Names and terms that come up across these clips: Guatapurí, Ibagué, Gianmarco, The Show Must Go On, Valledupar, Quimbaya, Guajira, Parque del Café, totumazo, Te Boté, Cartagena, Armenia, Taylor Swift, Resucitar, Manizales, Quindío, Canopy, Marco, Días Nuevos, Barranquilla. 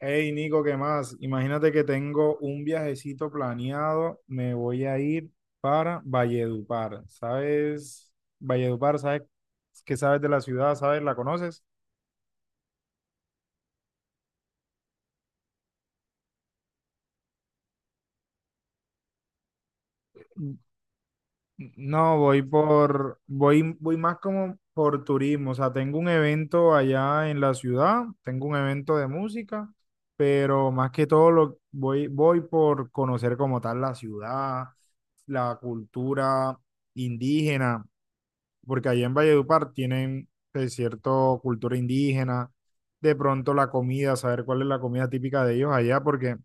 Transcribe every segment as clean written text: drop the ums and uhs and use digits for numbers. Hey Nico, ¿qué más? Imagínate que tengo un viajecito planeado, me voy a ir para Valledupar. ¿Sabes? Valledupar, ¿sabes qué sabes de la ciudad? ¿Sabes? ¿La conoces? N- No, voy, voy más como por turismo. O sea, tengo un evento allá en la ciudad, tengo un evento de música, pero más que todo voy por conocer como tal la ciudad, la cultura indígena porque allá en Valledupar tienen cierto cultura indígena, de pronto la comida, saber cuál es la comida típica de ellos allá, porque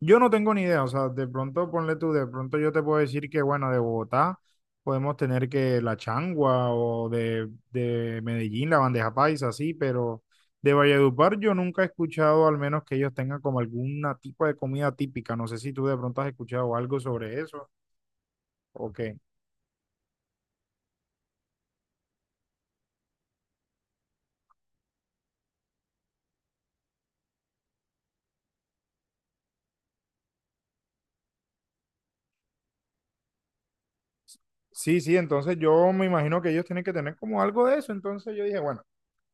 yo no tengo ni idea, o sea, de pronto ponle tú, de pronto yo te puedo decir que, bueno, de Bogotá podemos tener que la changua o de Medellín, la bandeja paisa, así, pero de Valledupar yo nunca he escuchado, al menos que ellos tengan como alguna tipo de comida típica, no sé si tú de pronto has escuchado algo sobre eso o qué. Sí, sí, entonces yo me imagino que ellos tienen que tener como algo de eso. Entonces yo dije, bueno,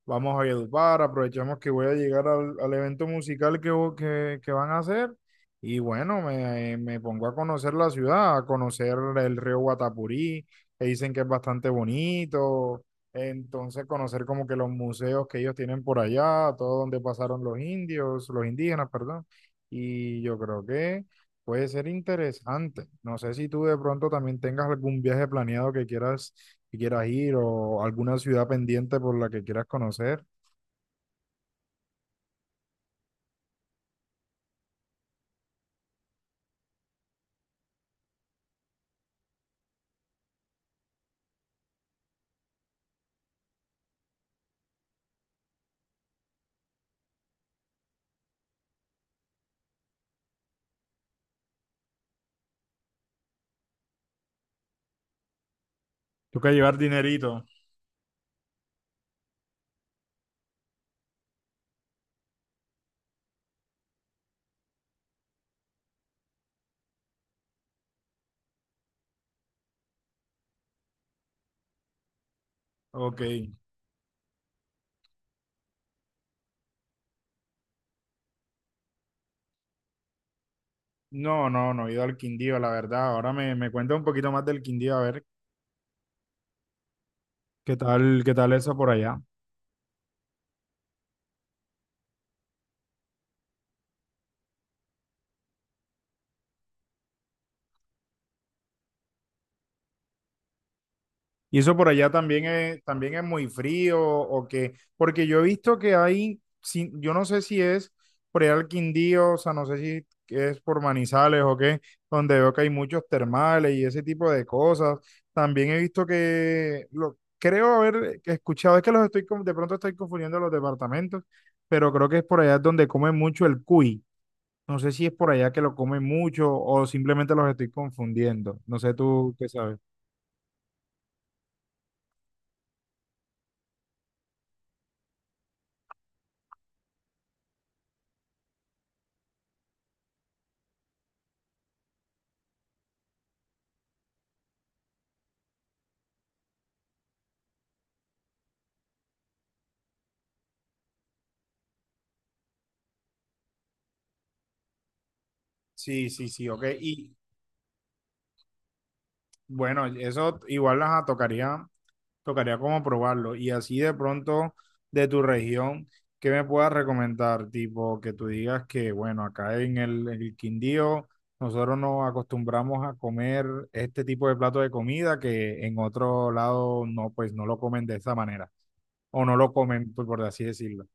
vamos a Valledupar, aprovechamos que voy a llegar al evento musical que van a hacer. Y bueno, me pongo a conocer la ciudad, a conocer el río Guatapurí, que dicen que es bastante bonito. Entonces conocer como que los museos que ellos tienen por allá, todo donde pasaron los indios, los indígenas, perdón. Y yo creo que puede ser interesante. No sé si tú de pronto también tengas algún viaje planeado que quieras ir o alguna ciudad pendiente por la que quieras conocer. Toca llevar dinerito. Ok. No, no, no he ido al Quindío, la verdad. Ahora me cuenta un poquito más del Quindío, a ver qué tal eso por allá. Y eso por allá también es muy frío o que, porque yo he visto que hay, yo no sé si es por allá el Quindío, o sea, no sé si es por Manizales o qué, donde veo que hay muchos termales y ese tipo de cosas. También he visto que, lo, creo haber escuchado, es que los estoy, de pronto estoy confundiendo los departamentos, pero creo que es por allá donde comen mucho el cuy. No sé si es por allá que lo comen mucho o simplemente los estoy confundiendo. No sé tú qué sabes. Sí, sí, sí, ok. Y bueno, eso igual las tocaría, tocaría como probarlo. Y así de pronto de tu región, ¿qué me puedas recomendar? Tipo, que tú digas que, bueno, acá en el Quindío nosotros nos acostumbramos a comer este tipo de plato de comida que en otro lado no, pues no lo comen de esa manera. O no lo comen, por así decirlo.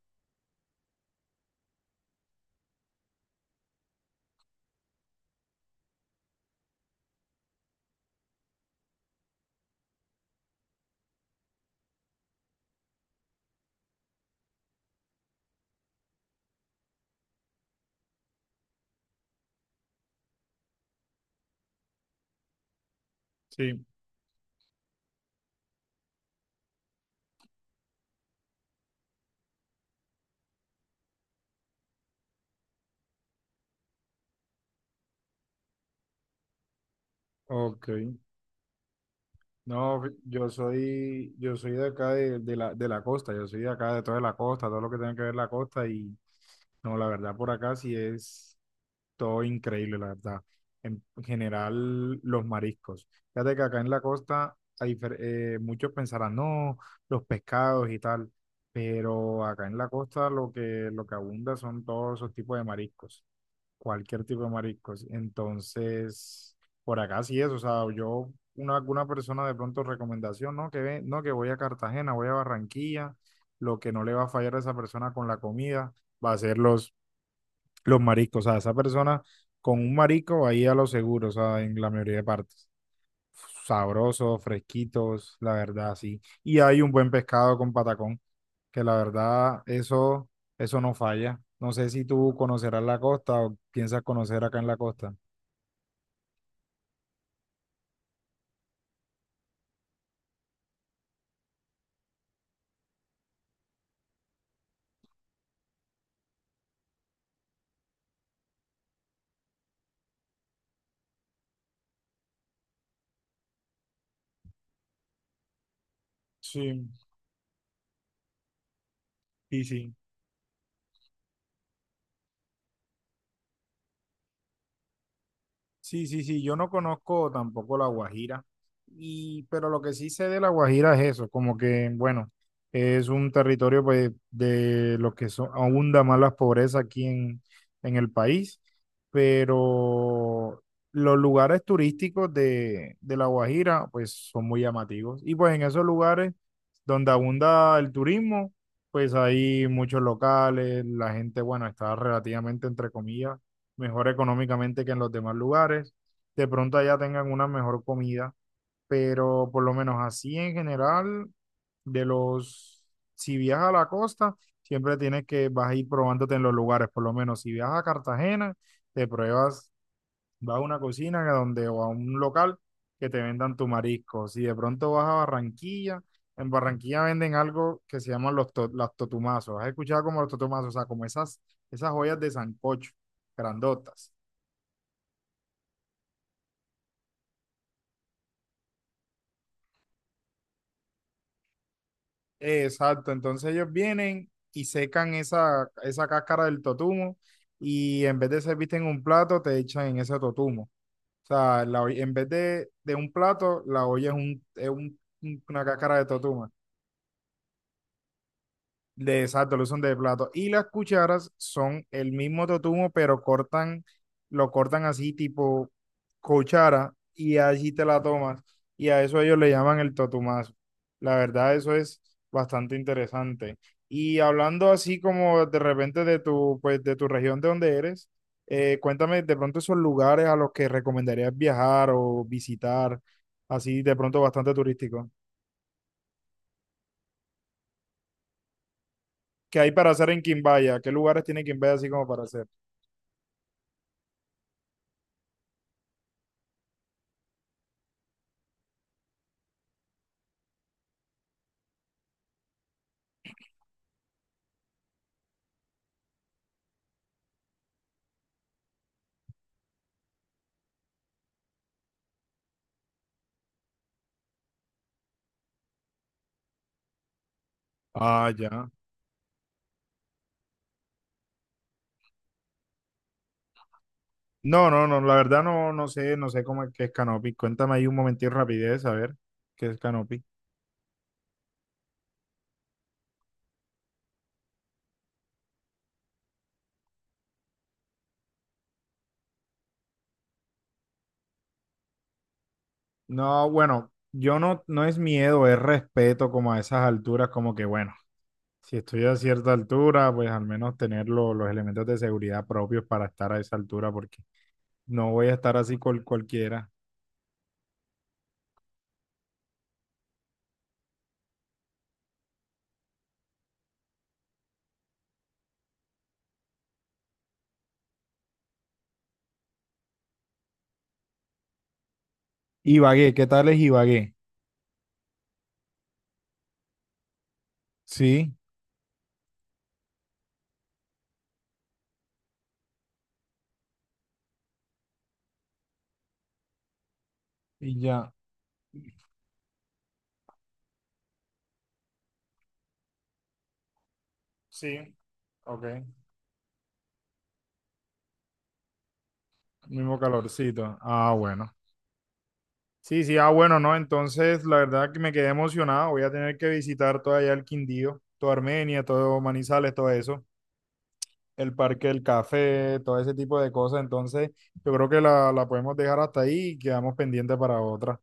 Sí. Ok. No, yo soy de acá de la costa, yo soy de acá de toda la costa, todo lo que tiene que ver la costa. Y no, la verdad, por acá sí es todo increíble, la verdad. En general, los mariscos. Fíjate que acá en la costa, a muchos pensarán, no, los pescados y tal, pero acá en la costa lo que abunda son todos esos tipos de mariscos, cualquier tipo de mariscos. Entonces, por acá sí es, o sea, yo, una, alguna persona de pronto recomendación, no, que ve, no, que voy a Cartagena, voy a Barranquilla, lo que no le va a fallar a esa persona con la comida va a ser los mariscos, o sea, esa persona con un marisco ahí a lo seguro, o sea, en la mayoría de partes. Sabrosos, fresquitos, la verdad, sí. Y hay un buen pescado con patacón, que la verdad, eso no falla. No sé si tú conocerás la costa o piensas conocer acá en la costa. Sí, sí, sí. Sí, sí, sí, yo no conozco tampoco la Guajira, y, pero lo que sí sé de la Guajira es eso, como que, bueno, es un territorio pues, de lo que son, abunda más las pobrezas aquí en el país, pero los lugares turísticos de la Guajira pues son muy llamativos, y pues en esos lugares donde abunda el turismo, pues hay muchos locales, la gente, bueno, está relativamente entre comillas mejor económicamente que en los demás lugares. De pronto allá tengan una mejor comida, pero por lo menos así en general, de los, si viajas a la costa, siempre tienes que, vas a ir probándote en los lugares, por lo menos si viajas a Cartagena, te pruebas, vas a una cocina que donde, o a un local que te vendan tu marisco. Si de pronto vas a Barranquilla, en Barranquilla venden algo que se llaman las totumazos. ¿Has escuchado como los totumazos? O sea, como esas, esas joyas de sancocho, grandotas. Exacto, entonces ellos vienen y secan esa cáscara del totumo y en vez de servirte en un plato, te echan en ese totumo. O sea, en vez de un plato, la olla es, una cáscara de totumo. De, exacto, lo usan de plato. Y las cucharas son el mismo totumo, pero cortan, lo cortan así tipo cuchara y allí te la tomas. Y a eso ellos le llaman el totumazo. La verdad, eso es bastante interesante. Y hablando así como de repente de tu, pues, de tu región de donde eres, cuéntame de pronto esos lugares a los que recomendarías viajar o visitar, así de pronto bastante turístico. ¿Qué hay para hacer en Quimbaya? ¿Qué lugares tiene Quimbaya así como para hacer? Ah, ya. No, no, no, la verdad no, no sé, no sé cómo es que es Canopy. Cuéntame ahí un momentito rapidez, a ver qué es Canopy. No, bueno, yo no, no es miedo, es respeto como a esas alturas, como que bueno, si estoy a cierta altura, pues al menos tener los elementos de seguridad propios para estar a esa altura, porque no voy a estar así con cualquiera. Ibagué, ¿qué tal es Ibagué? Sí, y ya. Sí, ok. Mismo calorcito. Ah, bueno. Sí, sí, ah, bueno, no, entonces la verdad que me quedé emocionado. Voy a tener que visitar todo allá el Quindío, toda Armenia, todo Manizales, todo eso, el Parque del Café, todo ese tipo de cosas. Entonces, yo creo que la podemos dejar hasta ahí y quedamos pendientes para otra.